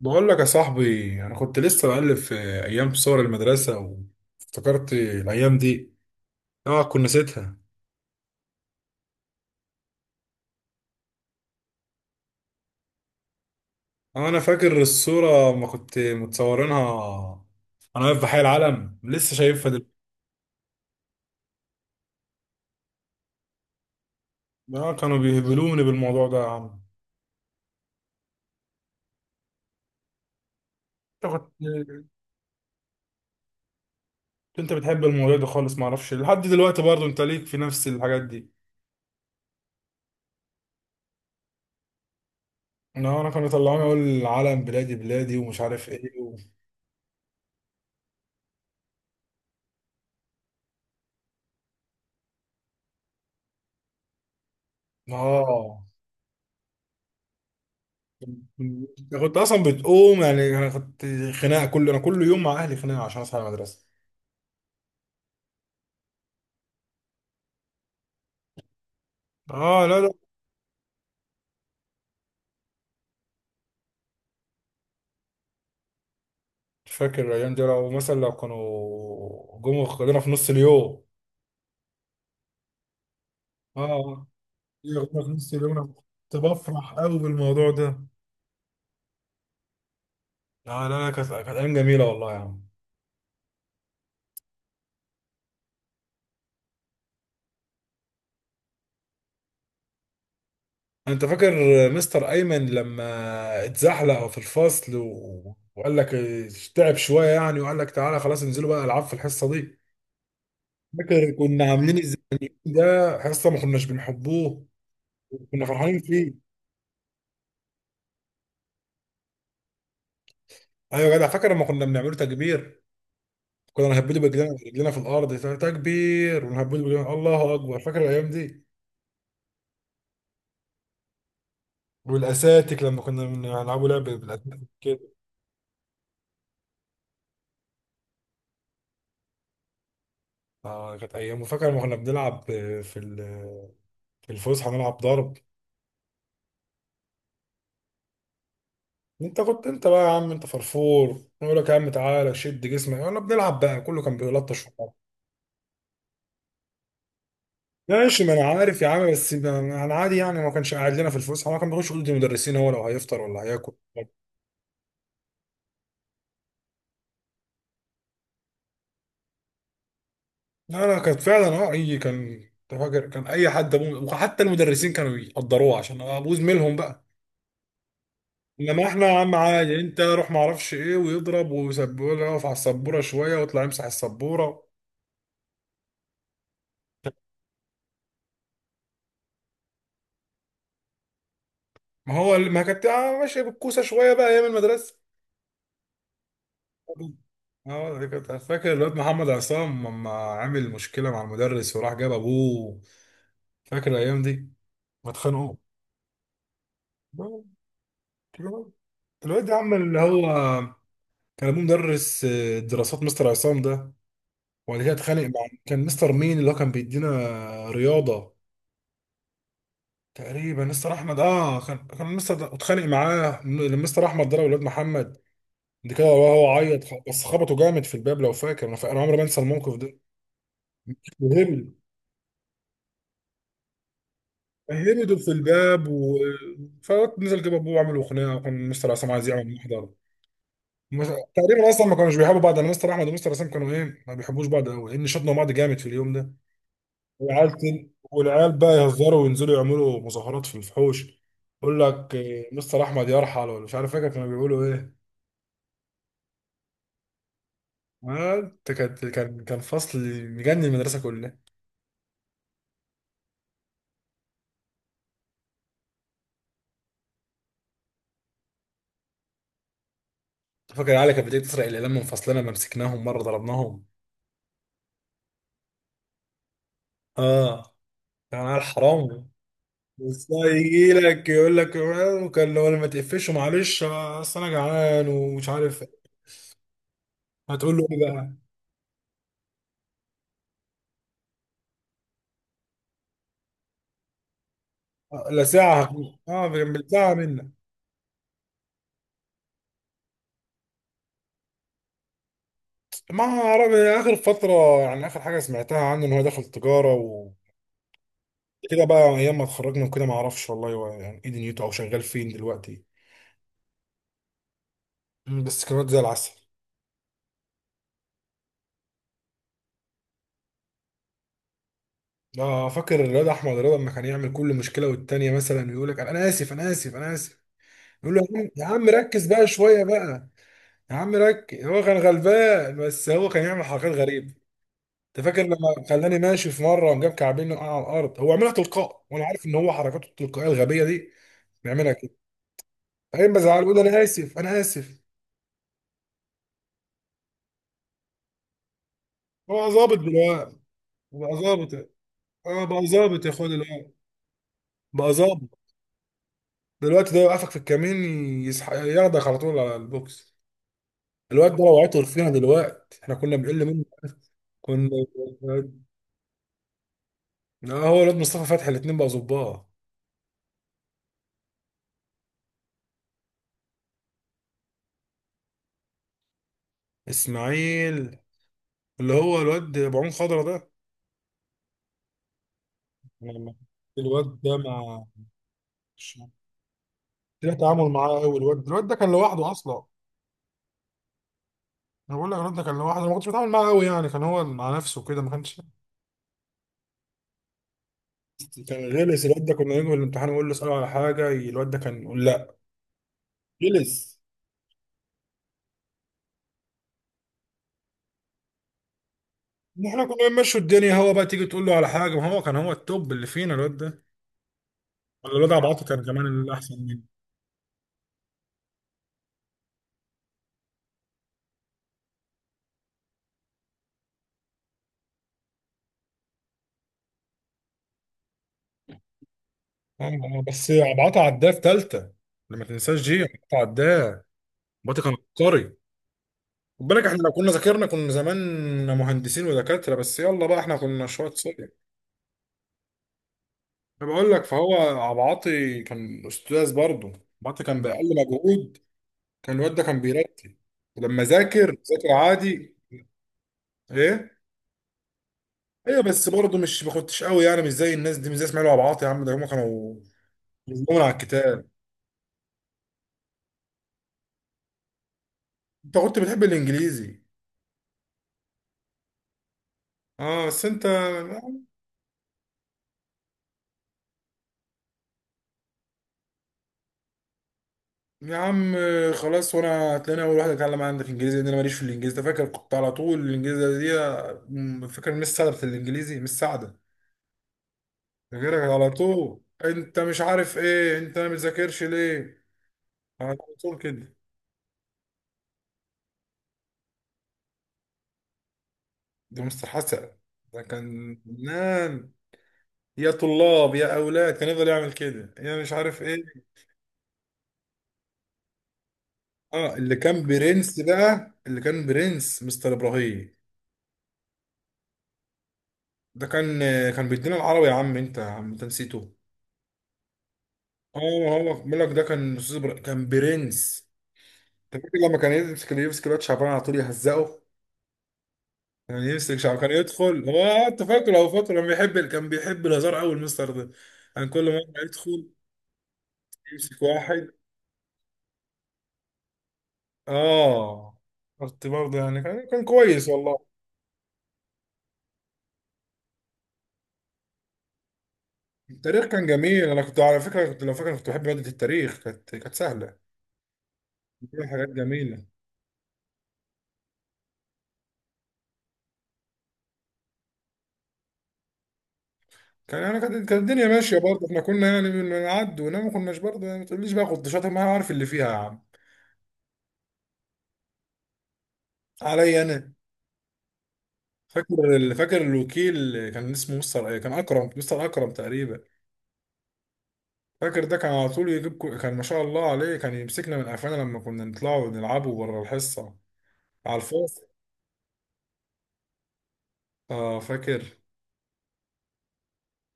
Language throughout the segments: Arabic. بقول لك يا صاحبي، انا كنت لسه بقلب في ايام صور المدرسه، وافتكرت الايام دي. اه، كنت نسيتها. آه، انا فاكر الصوره ما كنت متصورينها. انا واقف في حي العلم، لسه شايفها دلوقتي. اه، كانوا بيهبلوني بالموضوع ده يا عم. انت كنت انت بتحب الموضوع ده خالص، ما اعرفش لحد دلوقتي. برضو انت ليك في نفس الحاجات دي. اه، انا كانوا يطلعوني اقول العلم بلادي بلادي ومش عارف ايه اه، أنا كنت اصلا بتقوم، يعني انا كنت خناقه انا كل يوم مع اهلي، خناقه عشان اصحى المدرسه. اه، لا لا، مش فاكر الايام دي، لو مثلا كانوا جم خدونا في نص اليوم. اه، ياخدونا في نص اليوم، انا كنت بفرح قوي بالموضوع ده. لا لا لا، كانت ايام جميله والله يا عم. انت فاكر مستر ايمن لما اتزحلق في الفصل و... وقال لك تعب شويه، يعني وقال لك تعالى خلاص، انزلوا بقى العاب في الحصه دي. فاكر كنا عاملين ازاي؟ ده حصه ما كناش بنحبوه، كنا فرحانين فيه. ايوه يا جدع، فاكر لما كنا بنعمله تكبير، كنا نهبده برجلنا برجلنا في الارض، تكبير، ونهبده برجلنا، الله اكبر. فاكر الايام دي؟ والاساتيك، لما كنا بنلعبوا لعبه بالاساتيك كده. اه، كانت ايام. وفاكر لما كنا بنلعب في الفسحه نلعب ضرب. انت بقى يا عم، انت فرفور، يقول لك يا عم تعالى شد جسمك، انا بنلعب، بقى كله كان بيلطش في بعض. ماشي، ما انا عارف يا عم، بس انا عادي يعني، ما كانش قاعد لنا في الفسحه، ما كان بيخش اوضه المدرسين، هو لو هيفطر ولا هياكل. لا لا، كانت فعلا. اه، اي كان أنت فاكر، كان اي حد ابوه، وحتى المدرسين كانوا يقدروه عشان ابوه زميلهم بقى. انما احنا يا عم عادي، انت روح، ما اعرفش ايه، ويضرب ويسبوله يقف على السبوره شويه ويطلع يمسح السبوره. ما هو، ما كانت ماشيه بالكوسه شويه بقى ايام المدرسه. اه، دي كانت فاكر الواد محمد عصام لما عامل مشكله مع المدرس وراح جاب ابوه. فاكر الايام دي؟ ما اتخانقوا. الواد الواد ده عمل اللي هو كان ابوه مدرس دراسات، مستر عصام ده. وبعد كده اتخانق مع، كان مستر مين اللي هو كان بيدينا رياضة؟ تقريبا مستر احمد. اه، كان مستر ده اتخانق معاه. مستر احمد ضرب الواد محمد دي كده، وهو عيط، بس خبطه جامد في الباب، لو فاكر. انا عمري ما انسى الموقف ده. وهبل، هبدوا في الباب فنزل جاب ابوه وعملوا خناقه، وكان مستر عصام عايز يعمل محضر. مس- تقريبا اصلا ما كانوش بيحبوا بعض، انا مستر احمد ومستر عصام كانوا ايه، ما بيحبوش بعض قوي، لان شطنوا بعض جامد في اليوم ده. والعيال بقى يهزروا وينزلوا يعملوا مظاهرات في الفحوش، يقول لك إيه، مستر احمد يرحل، ولا مش عارف، فاكر كانوا بيقولوا ايه؟ ما انت، كان فصل مجنن المدرسه كلها. فاكر العيال كانت بتيجي تسرق الاقلام من فصلنا، ما مسكناهم مره ضربناهم. اه، كان عيال حرام. بس هو يجي لك يقول لك وكان لو أنا ما تقفش، معلش اصل انا جعان، ومش عارف إيه. هتقول له ايه بقى؟ لا ساعه. اه، بالساعه منك. ما أعرف، هي آخر فترة، يعني آخر حاجة سمعتها عنه إن هو دخل تجارة وكده. بقى أيام ما اتخرجنا وكده ما أعرفش والله، هو يعني إيه دنيته، أو شغال فين دلوقتي. مم، بس كان واد زي العسل. لا، فاكر الواد أحمد رضا لما كان يعمل كل مشكلة والتانية، مثلا يقول لك أنا آسف، أنا آسف، أنا آسف. يقول له يا عم، يا عم ركز بقى شوية بقى. يا عم ركز، هو كان غلبان، بس هو كان يعمل حركات غريبة. أنت فاكر لما خلاني ماشي في مرة وجاب كعبين وقع على الأرض، هو عملها تلقائي، وأنا عارف إن هو حركاته التلقائية الغبية دي بيعملها. بعدين بزعل، بقول انا اسف، انا اسف. هو ظابط دلوقتي، بقى ظابط. اه، بقى ظابط يا اخويا دلوقتي، بقى ظابط دلوقتي. ده يوقفك في الكمين، ياخدك على طول على البوكس. الواد ده لو عطر فينا دلوقتي، احنا كنا بنقل منه. كنا اه، هو الواد مصطفى فتحي، الاتنين بقى ظباط. اسماعيل، اللي هو الواد ابو عون خضرا ده. لما- الواد ده مع مش- لا، تعامل معاه قوي. الواد ده كان لوحده اصلا. انا بقول لك الواد ده كان لوحده، أنا ما كنتش بتعامل معاه قوي يعني، كان هو مع نفسه كده ما كانش. كان غلس الواد ده، كنا نيجي من الامتحان نقول له اساله على حاجه، الواد ده كان يقول لا. غلس. احنا كنا بنمشي الدنيا، هو بقى تيجي تقول له على حاجه، ما هو كان هو التوب اللي فينا الواد ده. ولا الواد عبعاطه كان كمان اللي احسن منه. اه، بس عبعاطه عداه في ثالثه. لما تنساش، جي عبعاطه عداه. عبعاطه كان عبقري. خد بالك، احنا لو كنا ذاكرنا كنا زمان مهندسين ودكاتره، بس يلا بقى، احنا كنا شويه صغير. انا بقول لك فهو عبعاطي كان استاذ برضه. عبعاطي كان باقل مجهود، كان الواد ده كان بيرتب. ولما ذاكر، ذاكر عادي. ايه؟ ايوه، بس برضه مش ما كنتش قوي يعني، مش زي الناس دي، مش زي اسماعيل وابعاط، يا عم ده هم كانوا مجنون على الكتاب. انت كنت بتحب الانجليزي؟ اه، بس انت يا عم، خلاص، وانا هتلاقيني اول واحد اتكلم عندك انجليزي، لان انا ماليش في الانجليزي ده، فاكر كنت على طول الانجليزي دي؟ فاكر مش سعده بتاعت الانجليزي؟ مش سعده، فاكرك على طول، انت مش عارف ايه، انت ما بتذاكرش ليه، على طول كده. ده مستر حسن، ده كان فنان، يا طلاب يا اولاد، كان يفضل يعمل كده، يا مش عارف ايه. اه، اللي كان برنس مستر ابراهيم. ده كان بيدينا العربي، يا عم انت، يا عم انت نسيته. اه، هو بقول لك ده كان استاذ، كان برنس. انت فاكر لما كان يمسك الواد شعبان على طول يهزقه؟ كان يمسك شعب كان يدخل هو، انت فاكره، هو فاكره، كان بيحب الهزار قوي المستر ده. كان كل مره يدخل يمسك واحد. اه، قلت برضه يعني، كان كويس والله. التاريخ كان جميل، انا كنت على فكره، كنت لو فاكر، كنت بحب ماده التاريخ، كانت سهله، فيها حاجات جميله. كان انا كانت كانت الدنيا ماشيه برضه، احنا كنا يعني بنعد ونام، ما كناش برضه يعني، ما تقوليش بقى كنت شاطر، ما أنا عارف اللي فيها يا عم، عليا انا. فاكر الوكيل كان اسمه مستر كان اكرم، مستر اكرم تقريبا. فاكر ده كان على طول يجيب كان ما شاء الله عليه، كان يمسكنا من قفانا لما كنا نطلعوا نلعبوا بره الحصه على الفاصل. اه، فاكر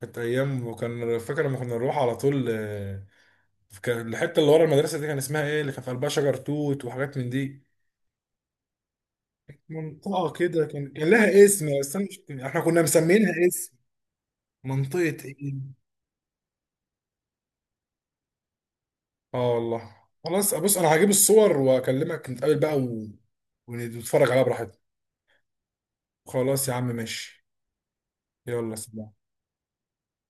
كانت ايام، وكان فاكر لما كنا نروح على طول، كان الحته اللي ورا المدرسه دي كان اسمها ايه، اللي كان في قلبها شجر توت وحاجات من دي، منطقه كده، كان لها اسم، بس انا مش احنا كنا مسمينها اسم، منطقه ايه؟ اه والله. خلاص، بص انا هجيب الصور واكلمك، نتقابل بقى ونتفرج عليها براحتنا. خلاص يا عم، ماشي، يلا سلام.